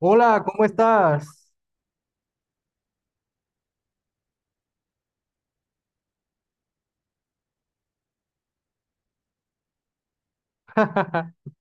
Hola, ¿cómo estás?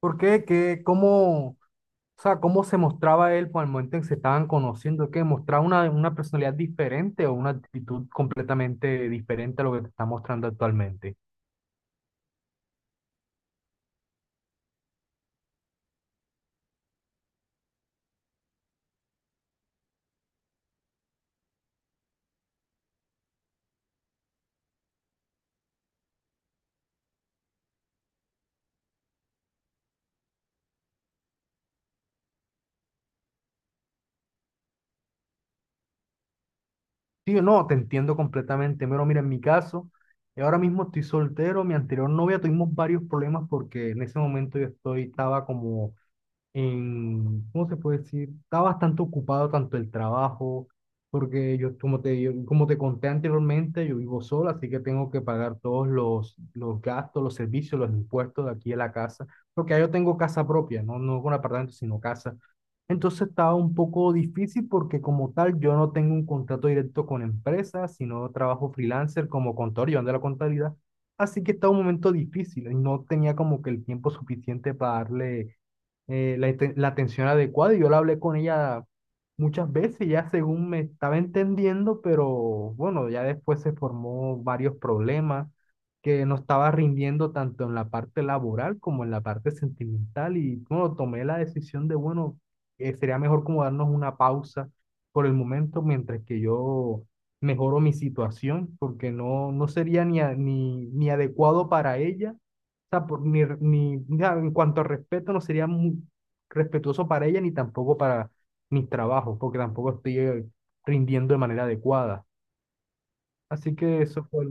¿Por qué? ¿Qué? ¿Cómo? O sea, ¿cómo se mostraba él por el momento en que se estaban conociendo? ¿Qué? ¿Mostraba una personalidad diferente o una actitud completamente diferente a lo que te está mostrando actualmente? Sí, no, te entiendo completamente. Pero mira, en mi caso, yo ahora mismo estoy soltero. Mi anterior novia tuvimos varios problemas porque en ese momento estaba como en, ¿cómo se puede decir? Está bastante ocupado tanto el trabajo, porque como te conté anteriormente, yo vivo solo, así que tengo que pagar todos los gastos, los servicios, los impuestos de aquí en la casa, porque ahí yo tengo casa propia, no, no con apartamento, sino casa. Entonces estaba un poco difícil porque como tal yo no tengo un contrato directo con empresas, sino trabajo freelancer como contador, llevando la contabilidad. Así que estaba un momento difícil y no tenía como que el tiempo suficiente para darle la atención adecuada y yo la hablé con ella muchas veces, ya según me estaba entendiendo, pero bueno, ya después se formó varios problemas que no estaba rindiendo tanto en la parte laboral como en la parte sentimental y bueno, tomé la decisión de, bueno, sería mejor como darnos una pausa por el momento mientras que yo mejoro mi situación, porque no, no sería ni, ni adecuado para ella sea, ni, ni, ya, en cuanto a respeto, no sería muy respetuoso para ella ni tampoco para mis trabajos, porque tampoco estoy rindiendo de manera adecuada. Así que eso fue.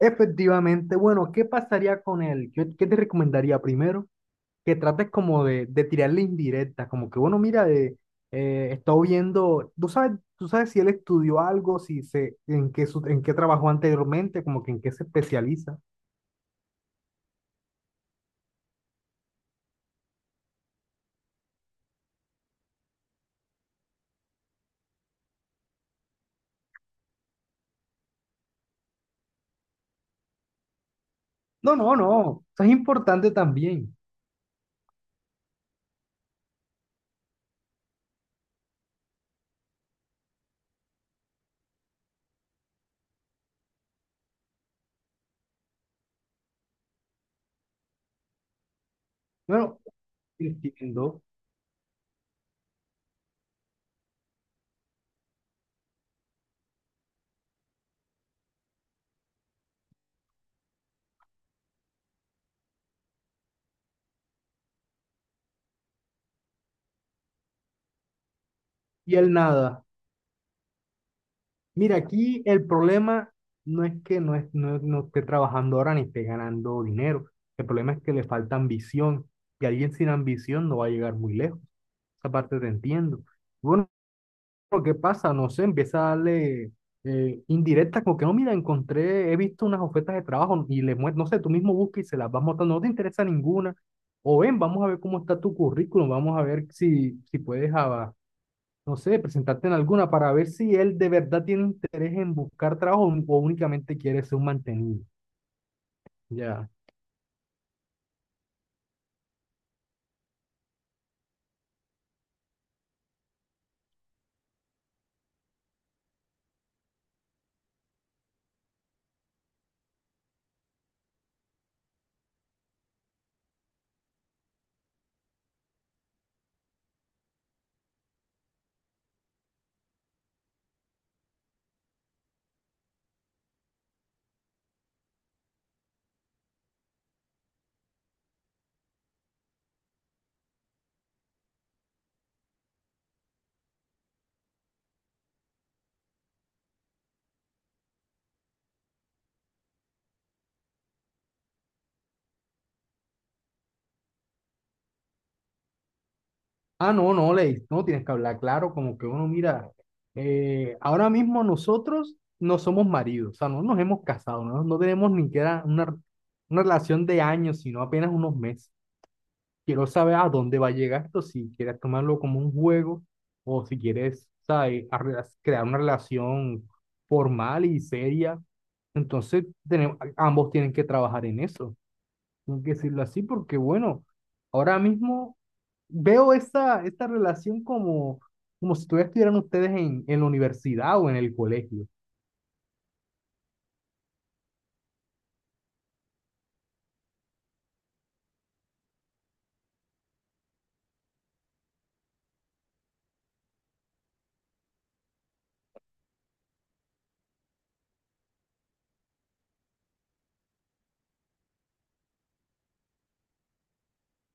Efectivamente, bueno, ¿qué pasaría con él? ¿Qué te recomendaría primero? Que trates como de tirarle indirectas, como que, bueno, mira, de, estoy viendo, tú sabes si él estudió algo, si se, en qué, en qué trabajó anteriormente, como que en qué se especializa. No, no, no, eso es importante también. Bueno, entiendo. Y el nada. Mira, aquí el problema no es que no, es, no, no esté trabajando ahora ni esté ganando dinero. El problema es que le falta ambición. Y alguien sin ambición no va a llegar muy lejos. Esa parte te entiendo. Bueno, lo que pasa, no sé, empieza a darle indirectas, como que no, mira, encontré, he visto unas ofertas de trabajo y le muestro, no sé, tú mismo buscas y se las vas mostrando, no te interesa ninguna. O ven, vamos a ver cómo está tu currículum, vamos a ver si, si puedes avanzar no sé, presentarte en alguna para ver si él de verdad tiene interés en buscar trabajo o únicamente quiere ser un mantenido. Ya. Ah, no, no, Ley, no tienes que hablar claro, como que uno mira, ahora mismo nosotros no somos maridos, o sea, no nos hemos casado, no, no tenemos ni que una, una relación de años, sino apenas unos meses. Quiero saber a dónde va a llegar esto, si quieres tomarlo como un juego o si quieres, ¿sabes? Crear una relación formal y seria. Entonces, tenemos, ambos tienen que trabajar en eso, tengo que decirlo así, porque bueno, ahora mismo veo esta relación como, como si todavía estuvieran ustedes en la universidad o en el colegio.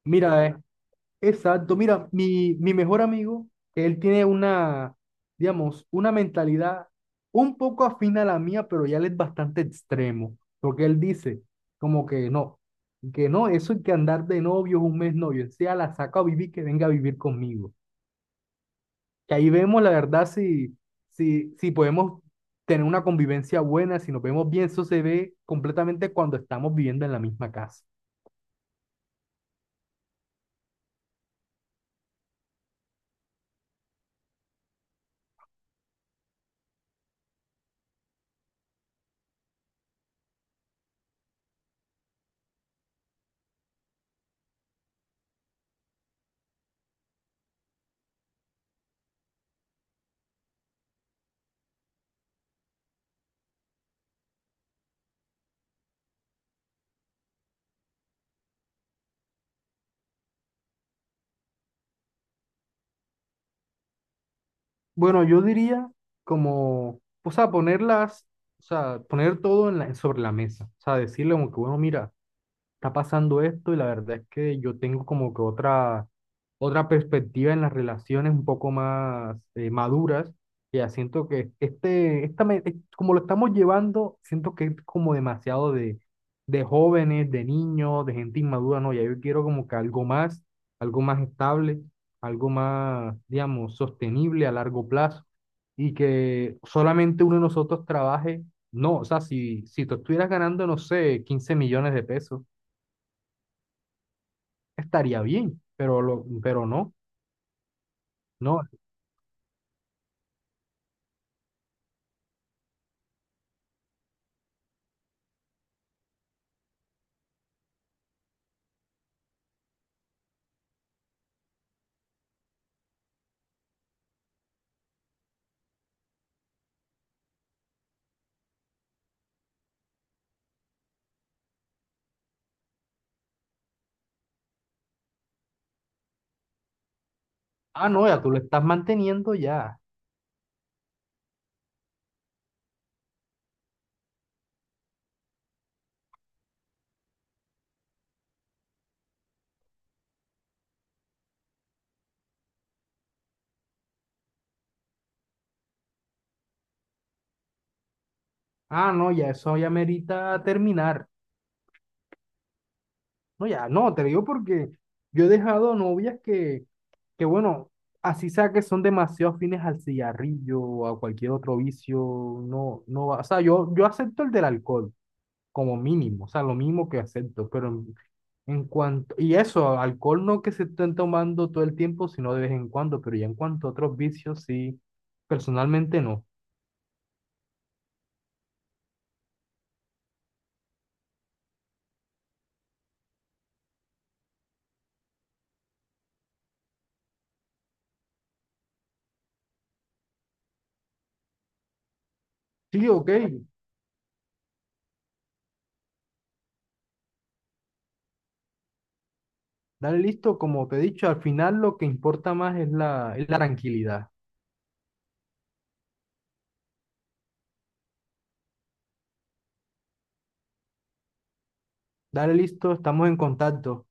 Mira, es exacto, mira, mi mejor amigo, él tiene una, digamos, una mentalidad un poco afín a la mía, pero ya él es bastante extremo, porque él dice como que no, eso hay que andar de novios un mes novio, sea la saca a vivir, que venga a vivir conmigo. Que ahí vemos la verdad si podemos tener una convivencia buena, si nos vemos bien, eso se ve completamente cuando estamos viviendo en la misma casa. Bueno, yo diría como, o sea, ponerlas, o sea, poner todo en sobre la mesa. O sea, decirle como que, bueno, mira está pasando esto y la verdad es que yo tengo como que otra, otra perspectiva en las relaciones un poco más maduras. Y ya siento que como lo estamos llevando, siento que es como demasiado de jóvenes, de niños, de gente inmadura, no, ya yo quiero como que algo más estable, algo más, digamos, sostenible a largo plazo y que solamente uno de nosotros trabaje. No, o sea, si tú estuvieras ganando, no sé, 15 millones de pesos estaría bien, pero, lo, pero no, no. Ah, no, ya tú lo estás manteniendo ya. Ah, no, ya eso ya merita terminar. No, ya, no, te digo porque yo he dejado novias que bueno, así sea que son demasiado fines al cigarrillo o a cualquier otro vicio, no, no va. O sea, yo acepto el del alcohol como mínimo, o sea, lo mínimo que acepto, pero en cuanto, y eso, alcohol no que se estén tomando todo el tiempo, sino de vez en cuando, pero ya en cuanto a otros vicios, sí, personalmente no. Sí, ok, dale listo, como te he dicho, al final lo que importa más es es la tranquilidad. Dale listo, estamos en contacto.